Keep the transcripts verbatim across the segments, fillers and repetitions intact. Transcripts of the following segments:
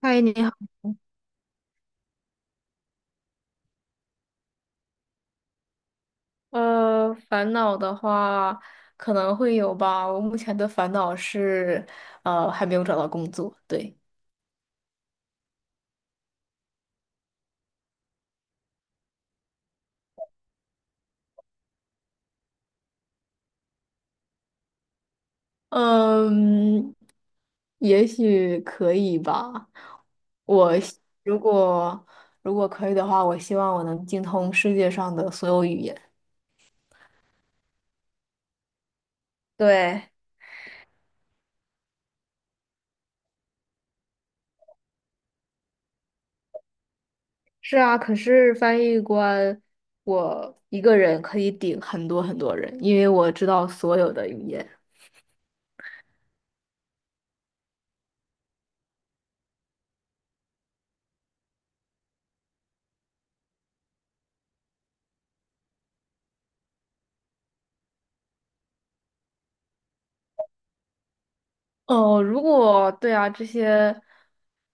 嗨，你好。呃，烦恼的话可能会有吧。我目前的烦恼是，呃，还没有找到工作。对，嗯，也许可以吧。我希如果如果可以的话，我希望我能精通世界上的所有语言。对，是啊，可是翻译官，我一个人可以顶很多很多人，因为我知道所有的语言。哦，如果对啊，这些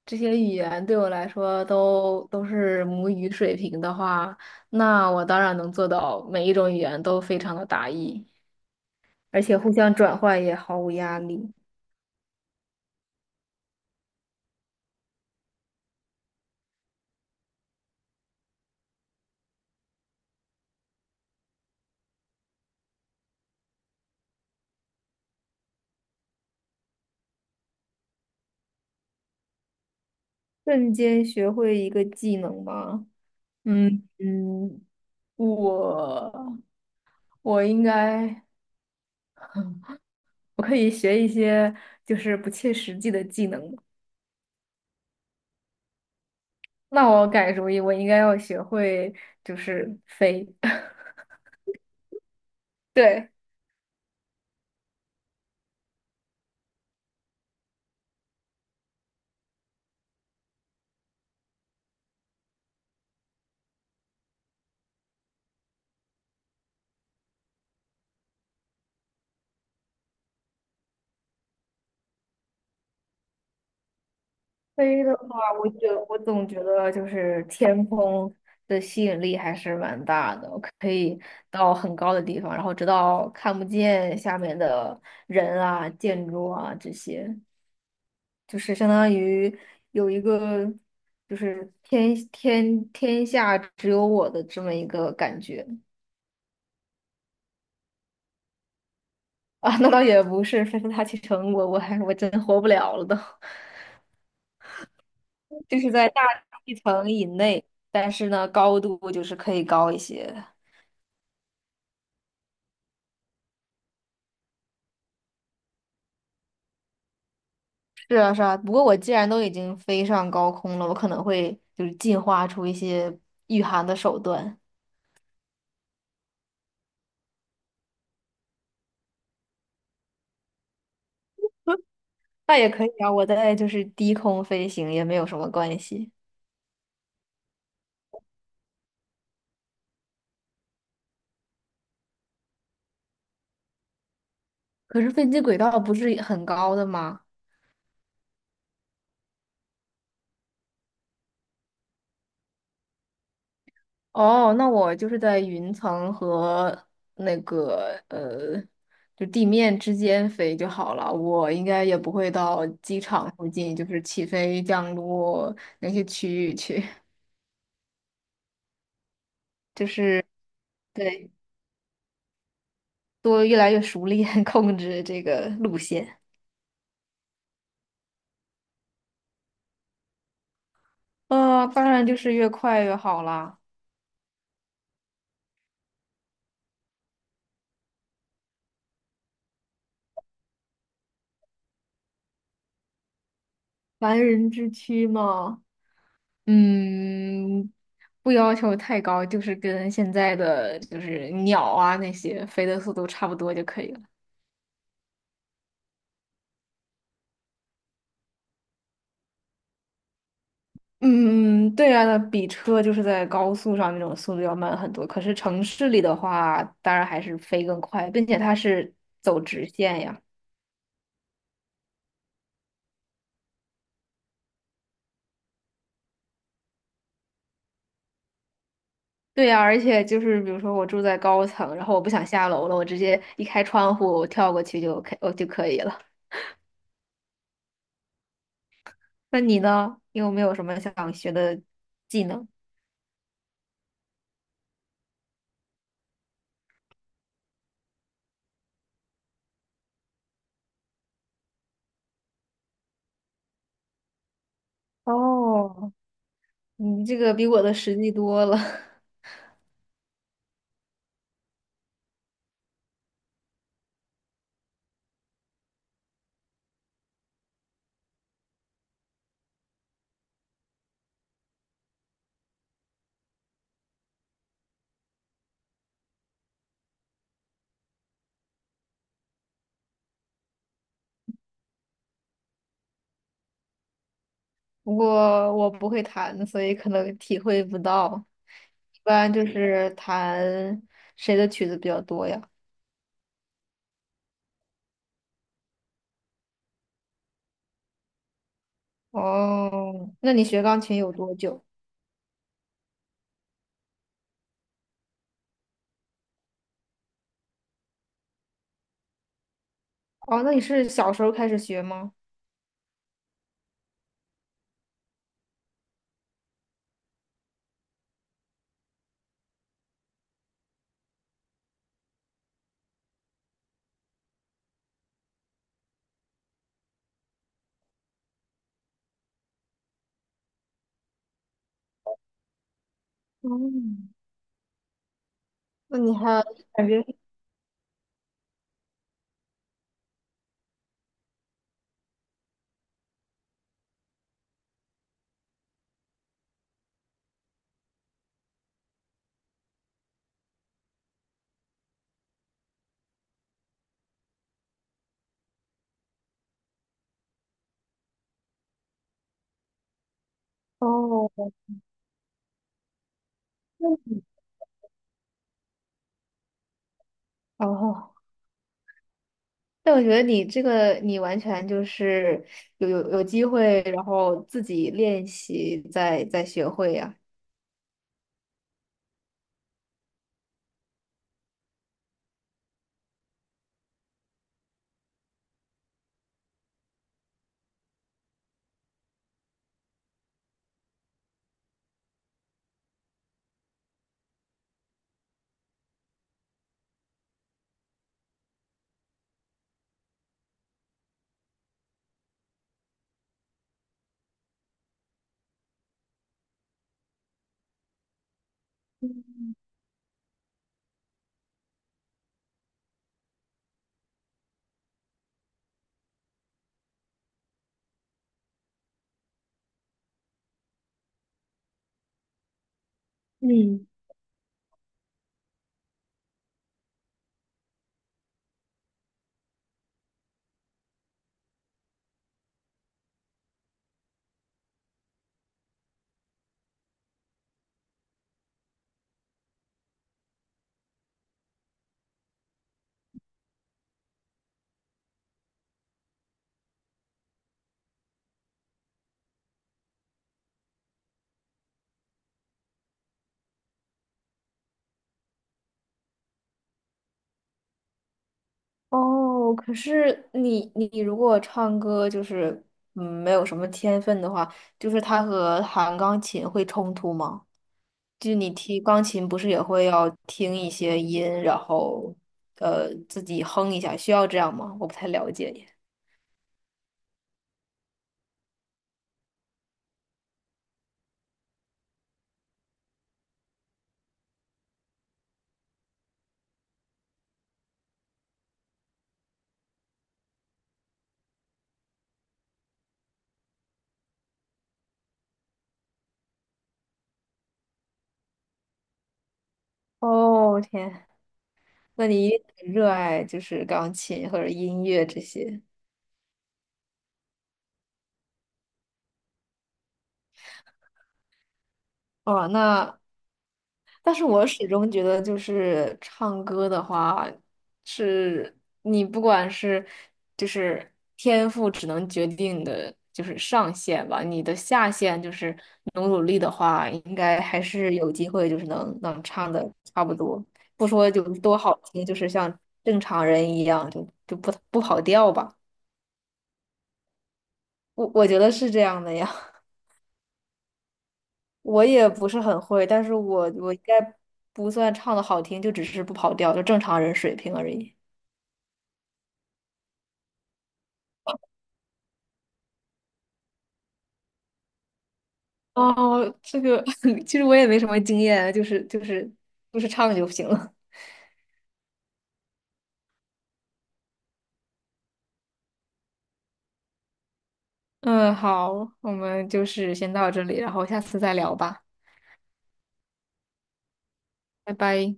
这些语言对我来说都都是母语水平的话，那我当然能做到每一种语言都非常的达意，而且互相转换也毫无压力。瞬间学会一个技能吗？嗯嗯，我我应该我可以学一些就是不切实际的技能。那我改主意，我应该要学会就是飞。对。飞的话，我觉我总觉得就是天空的吸引力还是蛮大的，我可以到很高的地方，然后直到看不见下面的人啊、建筑啊这些，就是相当于有一个就是天天天下只有我的这么一个感觉啊。那倒也不是，飞飞大气层，我我还我真活不了了都，就是在大气层以内，但是呢，高度就是可以高一些。是啊，是啊。不过我既然都已经飞上高空了，我可能会就是进化出一些御寒的手段。那也可以啊，我在就是低空飞行也没有什么关系。可是飞机轨道不是很高的吗？哦，那我就是在云层和那个呃，就地面之间飞就好了。我应该也不会到机场附近，就是起飞、降落那些区域去。就是对。多越来越熟练 控制这个路线。啊、当然就是越快越好啦，凡人之躯嘛。嗯，不要求太高，就是跟现在的就是鸟啊那些飞的速度差不多就可以了。嗯，对啊，那比车就是在高速上那种速度要慢很多，可是城市里的话，当然还是飞更快，并且它是走直线呀。对呀，而且就是比如说我住在高层，然后我不想下楼了，我直接一开窗户，我跳过去就 OK,我就可以了。那你呢？你有没有什么想学的技能？哦，你这个比我的实际多了，不过我不会弹，所以可能体会不到。一般就是弹谁的曲子比较多呀？哦，那你学钢琴有多久？哦，那你是小时候开始学吗？哦，那你还感觉哦。哦，但我觉得你这个，你完全就是有有有机会，然后自己练习再再学会呀。嗯。哦，可是你你如果唱歌就是嗯没有什么天分的话，就是它和弹钢琴会冲突吗？就你听钢琴不是也会要听一些音，然后呃自己哼一下，需要这样吗？我不太了解耶。哦，天。那你一定很热爱就是钢琴或者音乐这些。哦，那但是我始终觉得，就是唱歌的话，是你不管是就是天赋只能决定你的就是上限吧，你的下限就是努努力的话，应该还是有机会，就是能能唱的差不多，不说就是多好听，就是像正常人一样，就就不不跑调吧。我我觉得是这样的呀。我也不是很会，但是我我应该不算唱的好听，就只是不跑调，就正常人水平而已。哦，这个 其实我也没什么经验啊，就是就是就是唱就行了。嗯，好，我们就是先到这里，然后下次再聊吧，拜拜。